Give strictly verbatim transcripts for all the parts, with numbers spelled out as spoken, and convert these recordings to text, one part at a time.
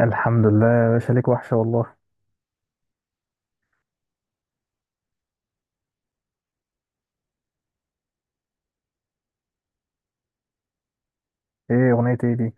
الحمد لله يا باشا، ليك وحشة والله. ايه اغنية ايه دي؟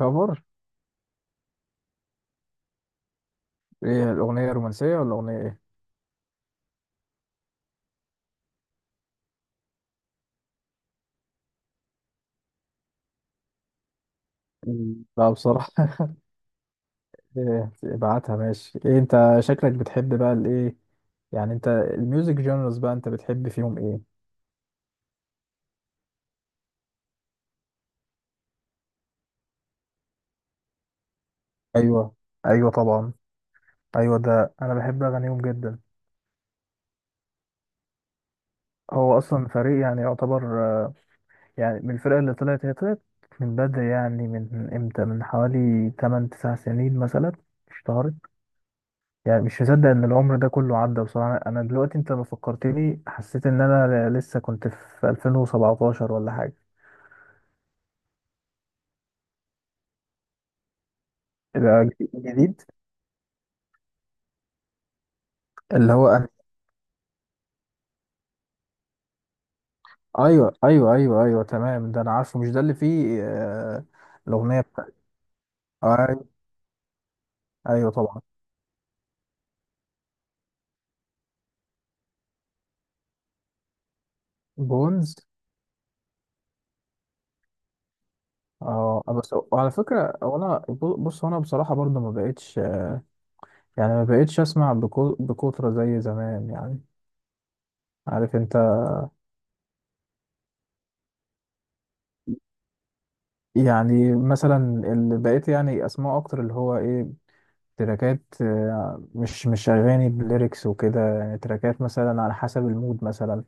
كفر. ايه الاغنيه رومانسيه ولا اغنيه ايه؟ مم. لا بصراحه. إيه، ابعتها ماشي. ايه انت شكلك بتحب بقى الايه؟ يعني انت الميوزك جونرز بقى انت بتحب فيهم ايه؟ ايوه، ايوه طبعا. ايوه ده انا بحب اغانيهم جدا. هو اصلا فريق يعني يعتبر، آه، يعني من الفرقة اللي طلعت، هي طلعت من بدري، يعني من امتى، من حوالي تمن تسع سنين مثلا اشتهرت. يعني مش مصدق ان العمر ده كله عدى، بصراحة انا دلوقتي انت لما فكرتني حسيت ان انا ل- لسه كنت في ألفين وسبعة عشر ولا حاجة. ده جديد. اللي هو أنا. ايوه، ايوه، ايوه، ايوه تمام، ده انا عارفه، مش ده اللي فيه آه، الاغنية بتاعت. ايوه، ايوه طبعا. بونز. اه بس على فكرة، وانا بص انا بصراحة برضه ما بقتش، يعني ما بقتش اسمع بكو- بكترة زي زمان يعني، عارف انت. يعني مثلا اللي بقيت يعني اسمعه اكتر اللي هو ايه، تراكات، آه، مش مش أغاني بليركس وكده، يعني تراكات مثلا على حسب المود. مثلا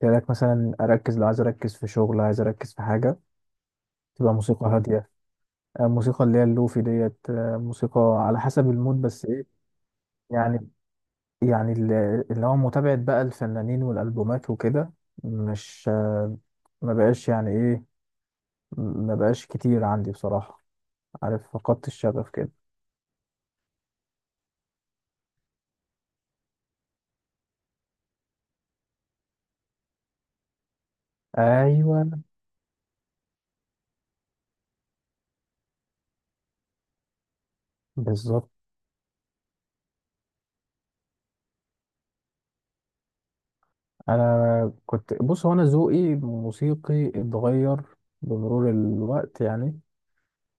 تراك مثلا أركز، لو عايز أركز في شغل، عايز أركز في حاجة، تبقى موسيقى هادية. آه، موسيقى اللي هي اللوفي ديت. آه، موسيقى على حسب المود، بس إيه يعني، يعني ال- اللي هو متابعة بقى الفنانين والألبومات وكده، مش، آه، ما بقاش يعني إيه، ما بقاش كتير عندي بصراحة، عارف، فقدت الشغف كده. أيوه، بالظبط. انا كنت، بص هو انا ذوقي موسيقي اتغير بمرور الوقت يعني.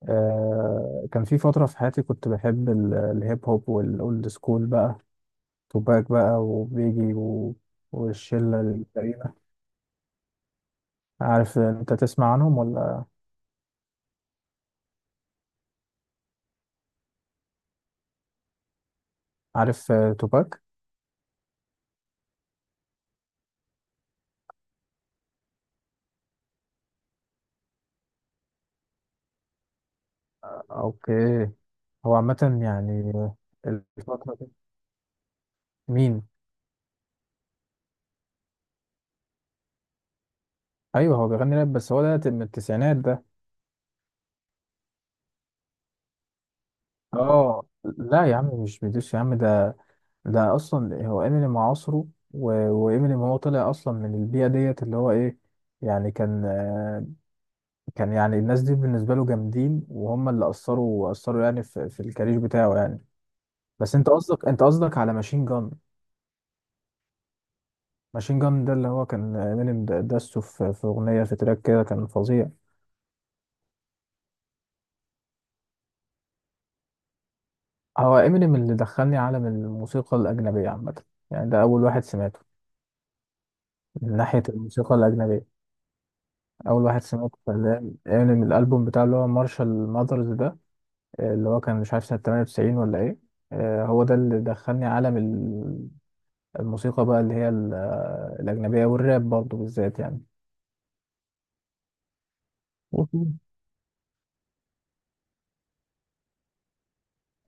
آه كان في فتره في حياتي كنت بحب ال- الهيب هوب والاولد سكول بقى، توباك بقى وبيجي و... والشله الكريمه. عارف انت تسمع عنهم ولا؟ عارف، آه، توباك. آه، اوكي. هو عامه يعني الفتره دي مين؟ ايوه هو بيغني راب، بس هو ده من التسعينات ده. اه لا يا عم مش بيدوس يا عم، ده ده اصلا هو امينيم عصره، و- وامينيم هو طلع اصلا من البيئه ديت اللي هو ايه، يعني كان، آه، كان يعني الناس دي بالنسبه له جامدين، وهم اللي اثروا اثروا يعني في، في الكارير بتاعه يعني. بس انت قصدك، انت قصدك على ماشين جان. ماشين جان ده اللي هو كان امينيم د- دسه في في اغنيه، في تراك كده كان فظيع. هو امينيم اللي دخلني عالم الموسيقى الاجنبيه عامه، يعني ده اول واحد سمعته من ناحيه الموسيقى الاجنبيه. اول واحد سمعته كان امينيم، الالبوم بتاعه اللي هو مارشال ماذرز ده، اللي هو كان مش عارف سنة تمانية وتسعين ولا ايه. آه، هو ده اللي دخلني عالم ال- الموسيقى بقى اللي هي ال- آه، الأجنبية والراب برضه بالذات يعني. مهم.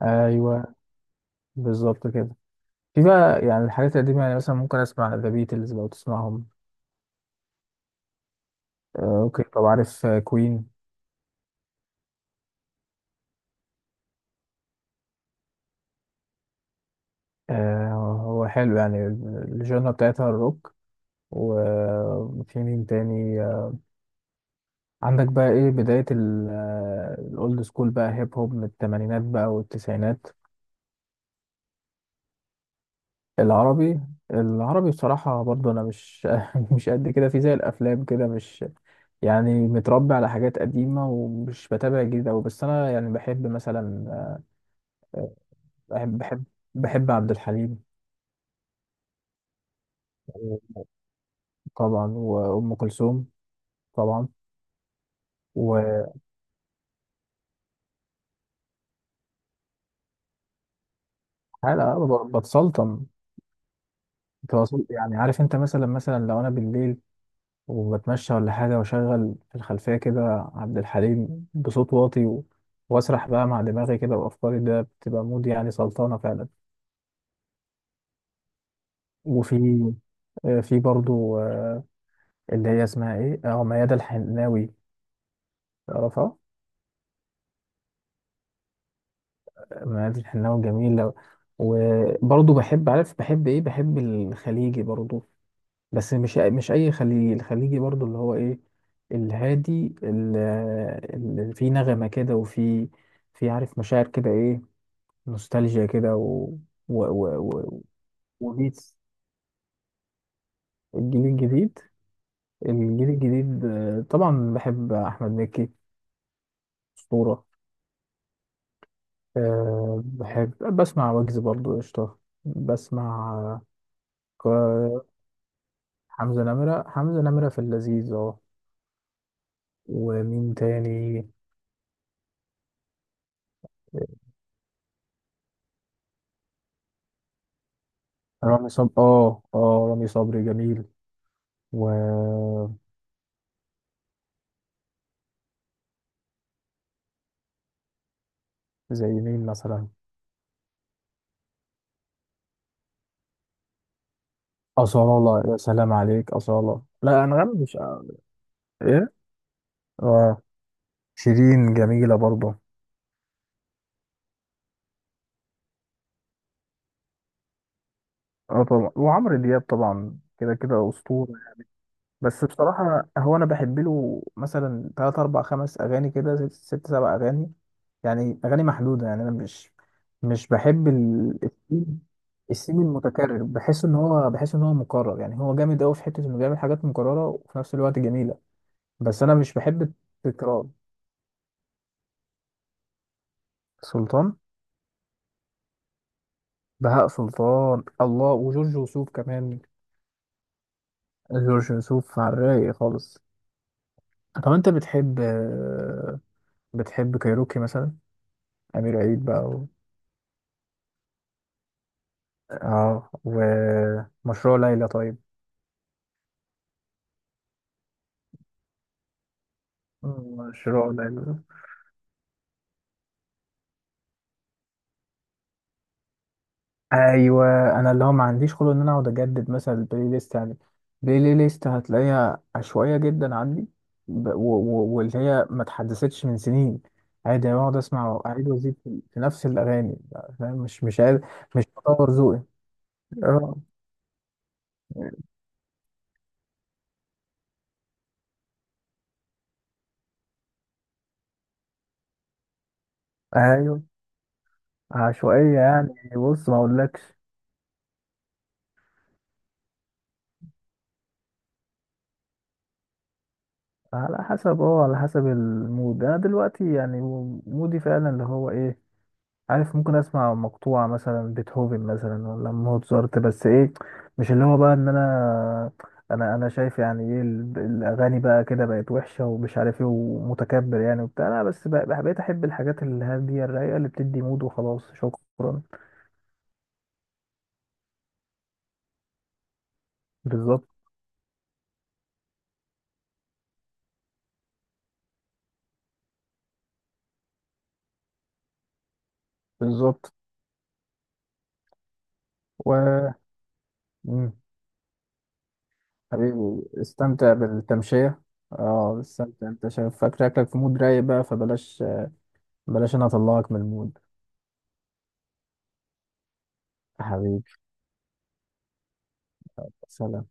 أيوه، بالظبط كده. في بقى يعني الحاجات القديمة، يعني مثلا ممكن أسمع ذا بيتلز، لو تسمعهم. آه، أوكي. طب عارف كوين؟ هو حلو يعني الجنرا بتاعتها الروك. وفي مين تاني، آه، عندك بقى، ايه بداية الأولد سكول بقى هيب هوب، من التمانينات بقى والتسعينات. العربي، العربي بصراحة برضو أنا مش مش قد كده في زي الأفلام كده، مش يعني متربي على حاجات قديمة ومش بتابع جديد أوي، بس أنا يعني بحب مثلا، بحب، بحب، بحب عبد الحليم. طبعا وأم كلثوم طبعا. وحلقة ب- بتسلطن، بتوصل- يعني عارف أنت، مثلا مثلا لو أنا بالليل وبتمشى ولا حاجة، وأشغل في الخلفية كده عبد الحليم بصوت واطي، و، وأسرح بقى مع دماغي كده وأفكاري، ده بتبقى مود يعني سلطانة فعلا. وفي، آه، في برضو، آه، اللي هي اسمها ايه، اه ميادة الحناوي، تعرفها؟ ميادة الحناوي جميلة. وبرضو بحب، عارف بحب ايه؟ بحب الخليجي برضو، بس مش، مش اي خليجي، الخليجي برضو اللي هو ايه، الهادي ال- اللي فيه نغمة كده، وفي، في عارف، مشاعر كده، ايه، نوستالجيا كده، و و و و وبيتس. الجيل الجديد. الجيل الجديد، آه، طبعا بحب احمد مكي، أسطورة. أه بحب بسمع ويجز برضو، قشطة. بسمع، آه، ك- حمزة نمرة. حمزة نمرة في اللذيذ اه. ومين تاني؟ رامي صبري، اه اه، رامي صبري جميل. وزي، مين مثلا؟ أصالة، يا سلام عليك أصالة. لا أنغام مش، ايه، اه، شيرين جميلة برضه. اه طبعا وعمرو دياب طبعا، كده كده أسطورة. بس بصراحة هو أنا بحب له مثلا تلات أربع خمس أغاني كده، ست ست سبع أغاني يعني، أغاني محدودة يعني. أنا مش، مش بحب ال- الثيم، الثيم المتكرر، بحس إن هو بحس إن هو مكرر، يعني هو جامد أوي في حتة إنه بيعمل حاجات مكررة، وفي نفس الوقت جميلة، بس أنا مش بحب التكرار. سلطان، بهاء سلطان، الله. وجورج وسوف كمان، جورج وسوف على الرايق خالص. طب أنت بتحب، بتحب كايروكي مثلا، أمير عيد بقى؟ اه، ومشروع ليلى طيب، مشروع ليلى. ايوه، انا اللي هو ما عنديش خلق ان انا اقعد اجدد مثلا البلاي ليست يعني، البلاي ليست هتلاقيها عشوائيه جدا عندي، ب- و- و- واللي هي ما اتحدثتش من سنين، عادي انا بقعد اسمع واعيد وازيد في في نفس الاغاني، فاهم؟ مش مش قادر، مش بطور ذوقي. اه ايوه، عشوائيه يعني، بص ما اقولكش. على حسب، اه على حسب المود. انا دلوقتي يعني مودي فعلا اللي هو ايه، عارف، ممكن اسمع مقطوعة مثلا بيتهوفن مثلا، ولا موتزارت. بس ايه، مش اللي هو بقى ان انا، انا انا شايف يعني ايه ال- الاغاني بقى كده بقت وحشة، ومش عارف ايه، ومتكبر يعني وبتاع. لا بس بقى، بقى- بقيت احب الحاجات الهادية الرايقة اللي بتدي مود، وخلاص شكرا. بالظبط. بالظبط. و، مم. حبيبي استمتع بالتمشية. اه، استمتع، انت شايف، فاكر اكلك في مود رايق بقى، فبلاش، بلاش انا اطلعك من المود. حبيبي. سلام.